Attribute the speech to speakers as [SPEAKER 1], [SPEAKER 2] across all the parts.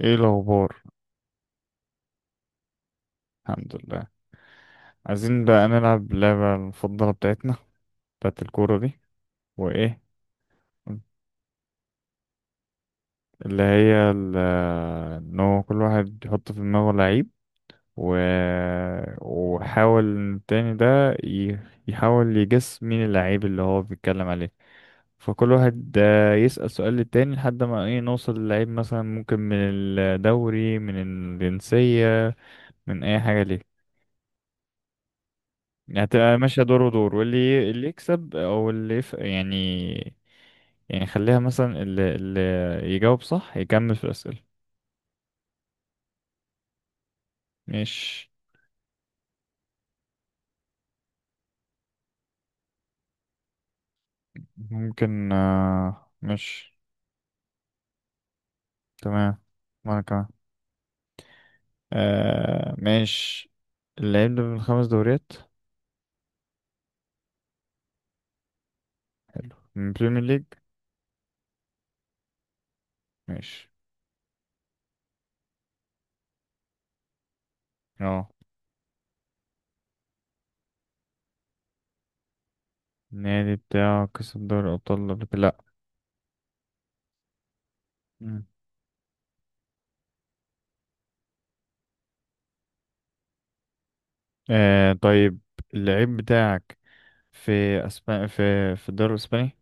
[SPEAKER 1] ايه الاخبار؟ الحمد لله. عايزين بقى نلعب اللعبة المفضلة بتاعتنا بتاعت الكورة دي. وايه، اللي هي ال- ان هو كل واحد يحط في دماغه لعيب و... وحاول إن التاني ده ي... يحاول يجس مين اللعيب اللي هو بيتكلم عليه. فكل واحد يسأل سؤال للتاني لحد ما ايه نوصل للعيب، مثلا ممكن من الدوري، من الجنسية، من اي حاجة. ليه هتبقى ماشية دور ودور، واللي اللي يكسب او يعني. يعني خليها مثلا اللي يجاوب صح يكمل في الأسئلة. مش ممكن، مش تمام. وانا كمان. مش اللي هيبدأ من خمس دوريات. حلو، من بريمير ليج. ماشي. اه. النادي بتاعه كسب دوري الأبطال قبل كده؟ لأ. مم. طيب، اللعيب بتاعك في أسبانيا، في الدوري الإسباني؟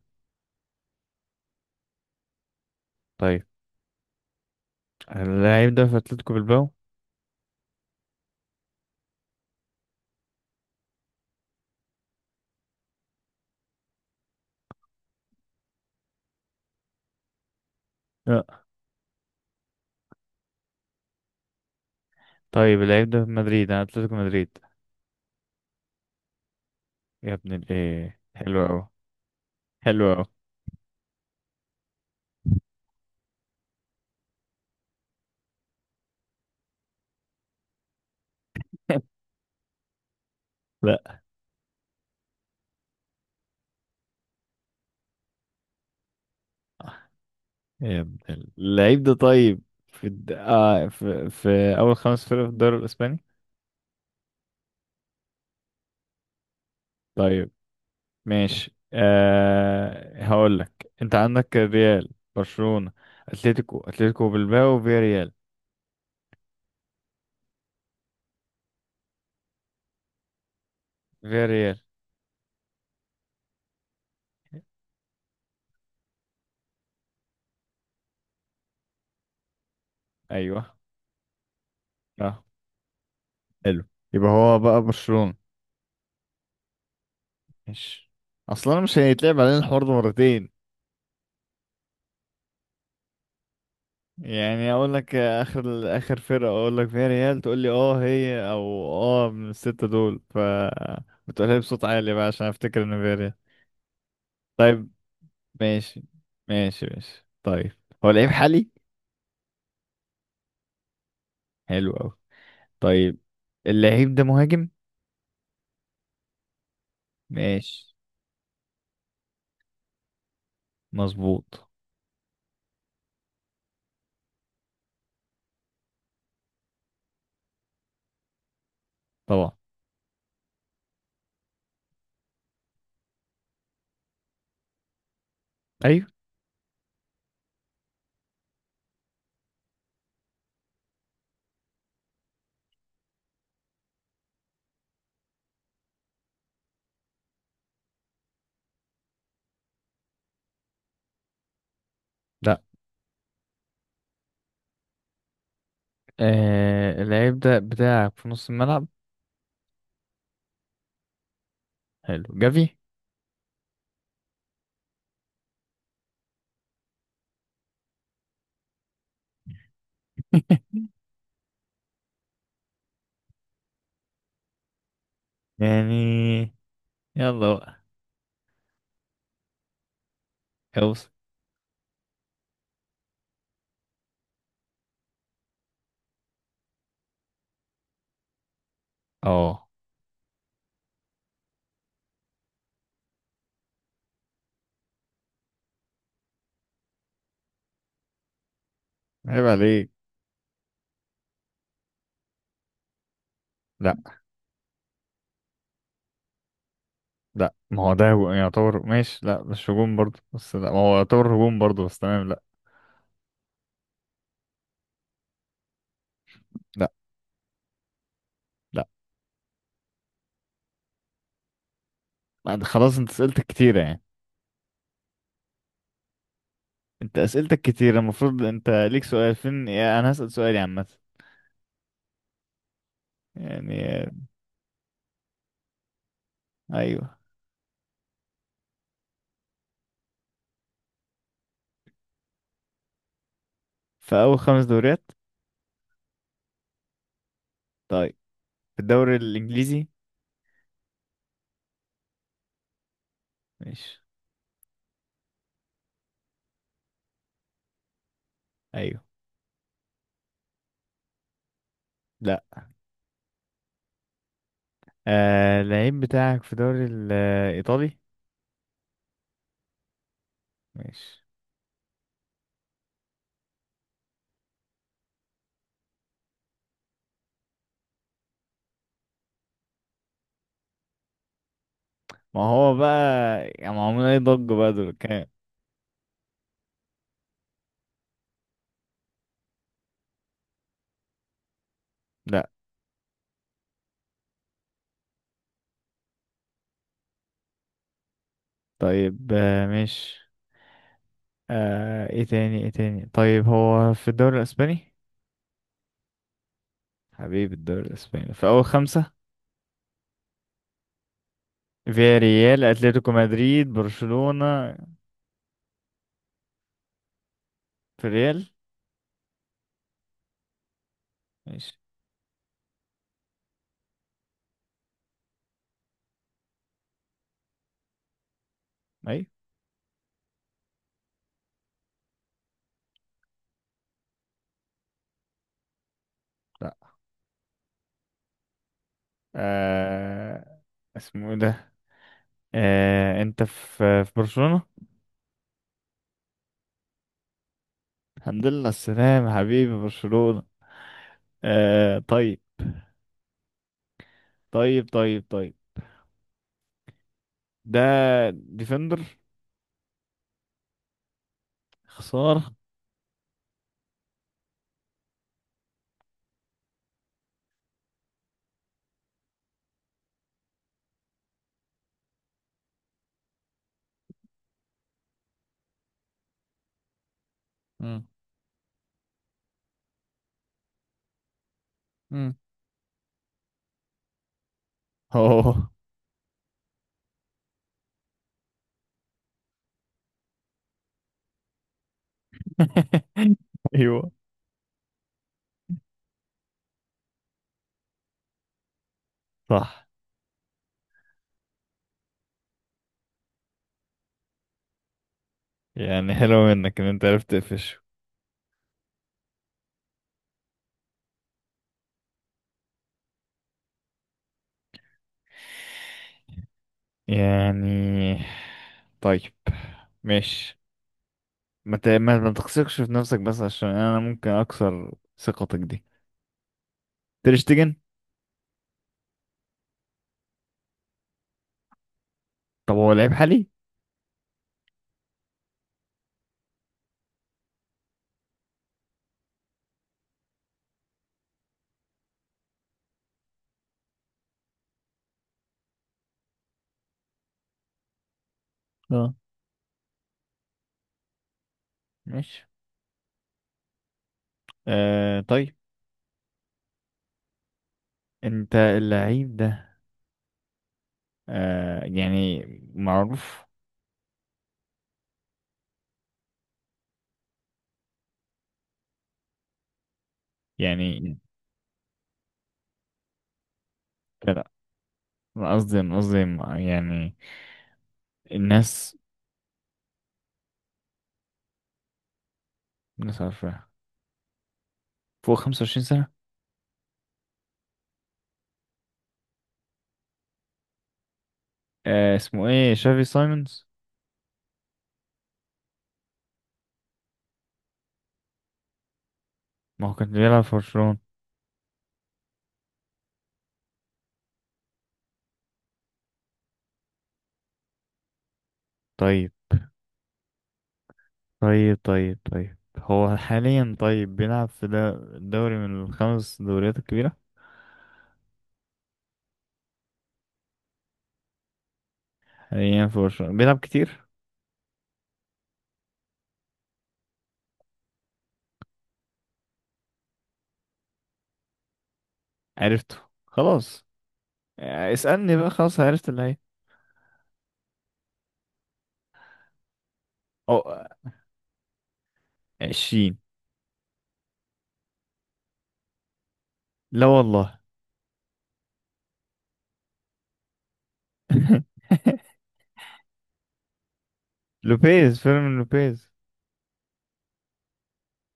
[SPEAKER 1] طيب، اللعيب ده في اتلتيكو بالباو؟ لا. طيب، اللعيب ده في مدريد، انا اتلتيكو مدريد. يا ابن الايه، حلو اوي، حلو اوي. لا. اللعيب ده طيب، في اول خمس فرق في الدوري الاسباني؟ طيب ماشي، هقول لك، انت عندك الريال، برشلونة، اتلتيكو، اتلتيكو بالباو، فيا ريال. فيا ريال. ايوه. اه. حلو، يبقى هو بقى برشلونة. ماشي. اصلا مش هيتلعب علينا الحوار ده مرتين. يعني اقول لك اخر اخر فرقه اقول لك فيها ريال تقول لي اه هي، او اه من السته دول، بتقولها لي بصوت عالي بقى عشان افتكر ان فيها ريال. طيب ماشي. ماشي ماشي. طيب، هو لعيب حالي؟ حلو قوي. طيب، اللعيب ده مهاجم؟ ماشي. مظبوط. طبعا. ايوه. لا. اللعيب ده بتاعك في نص الملعب؟ حلو، جافي. يعني يلا بقى اوصل. اه عيب عليك. لا لا، ما هو ده يعتبر، ماشي لا مش هجوم برضه بس، لا ما هو يعتبر هجوم برضه بس تمام. لا لا لا. بعد خلاص انت اسئلتك كتيرة يعني، انت اسئلتك كتيرة، المفروض انت ليك سؤال، فين يا انا هسأل سؤالي عامة، يعني، ايوه. في اول خمس دوريات؟ طيب، في الدوري الانجليزي؟ ماشي. ايوه. لا. اللعيب بتاعك في الدوري الايطالي؟ ماشي. ما هو بقى، يعني معمول اي ضجة بقى دول كام؟ لا. طيب ماشي، ايه تاني ايه تاني، طيب هو في الدوري الاسباني؟ حبيب، الدوري الاسباني في اول خمسة، فيا ريال، اتلتيكو مدريد، برشلونة. في ريال؟ ماشي. اي. لا. آه اسمه ايه ده؟ انت في برشلونة؟ الحمد لله على السلامة حبيبي برشلونة. طيب. طيب طيب طيب. ده ديفندر؟ خسارة. مم. مم. اوه. ايوه. صح. يعني حلو منك ان انت عرفت تقفش. يعني طيب ماشي، ما ت- ما ما تثقش في نفسك بس، عشان انا ممكن اكسر ثقتك دي. تريشتجن. طب هو لعيب حالي. اه ماشي. طيب، انت اللعيب ده يعني معروف؟ يعني لا، أنا قصدي، يعني الناس، الناس عارفاه، فوق 25 سنة. اسمه ايه، شافي سايمونز؟ ما هو كان بيلعب في برشلونة. طيب طيب طيب. طيب، هو حاليا طيب بيلعب في ده، دوري من الخمس دوريات الكبيرة؟ حاليا في برشلونة بيلعب كتير. عرفته. خلاص. اسألني بقى، خلاص عرفت اللي هي. أو، عشرين. لا والله. فيرمين لوبيز.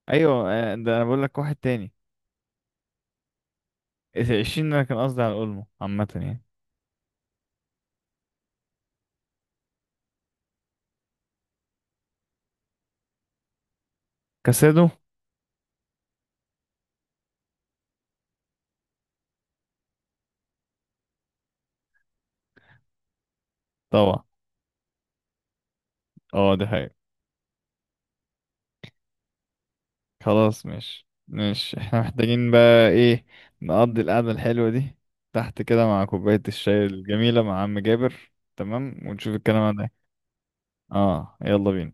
[SPEAKER 1] أيوة، ده أنا بقول لك واحد تاني، عشرين ده أنا كان قصدي على أولمو عامة يعني. كاسادو. طبعا. اه ده. خلاص مش احنا محتاجين بقى ايه، نقضي القعدة الحلوة دي تحت كده، مع كوباية الشاي الجميلة، مع عم جابر، تمام، ونشوف الكلام ده. اه يلا بينا.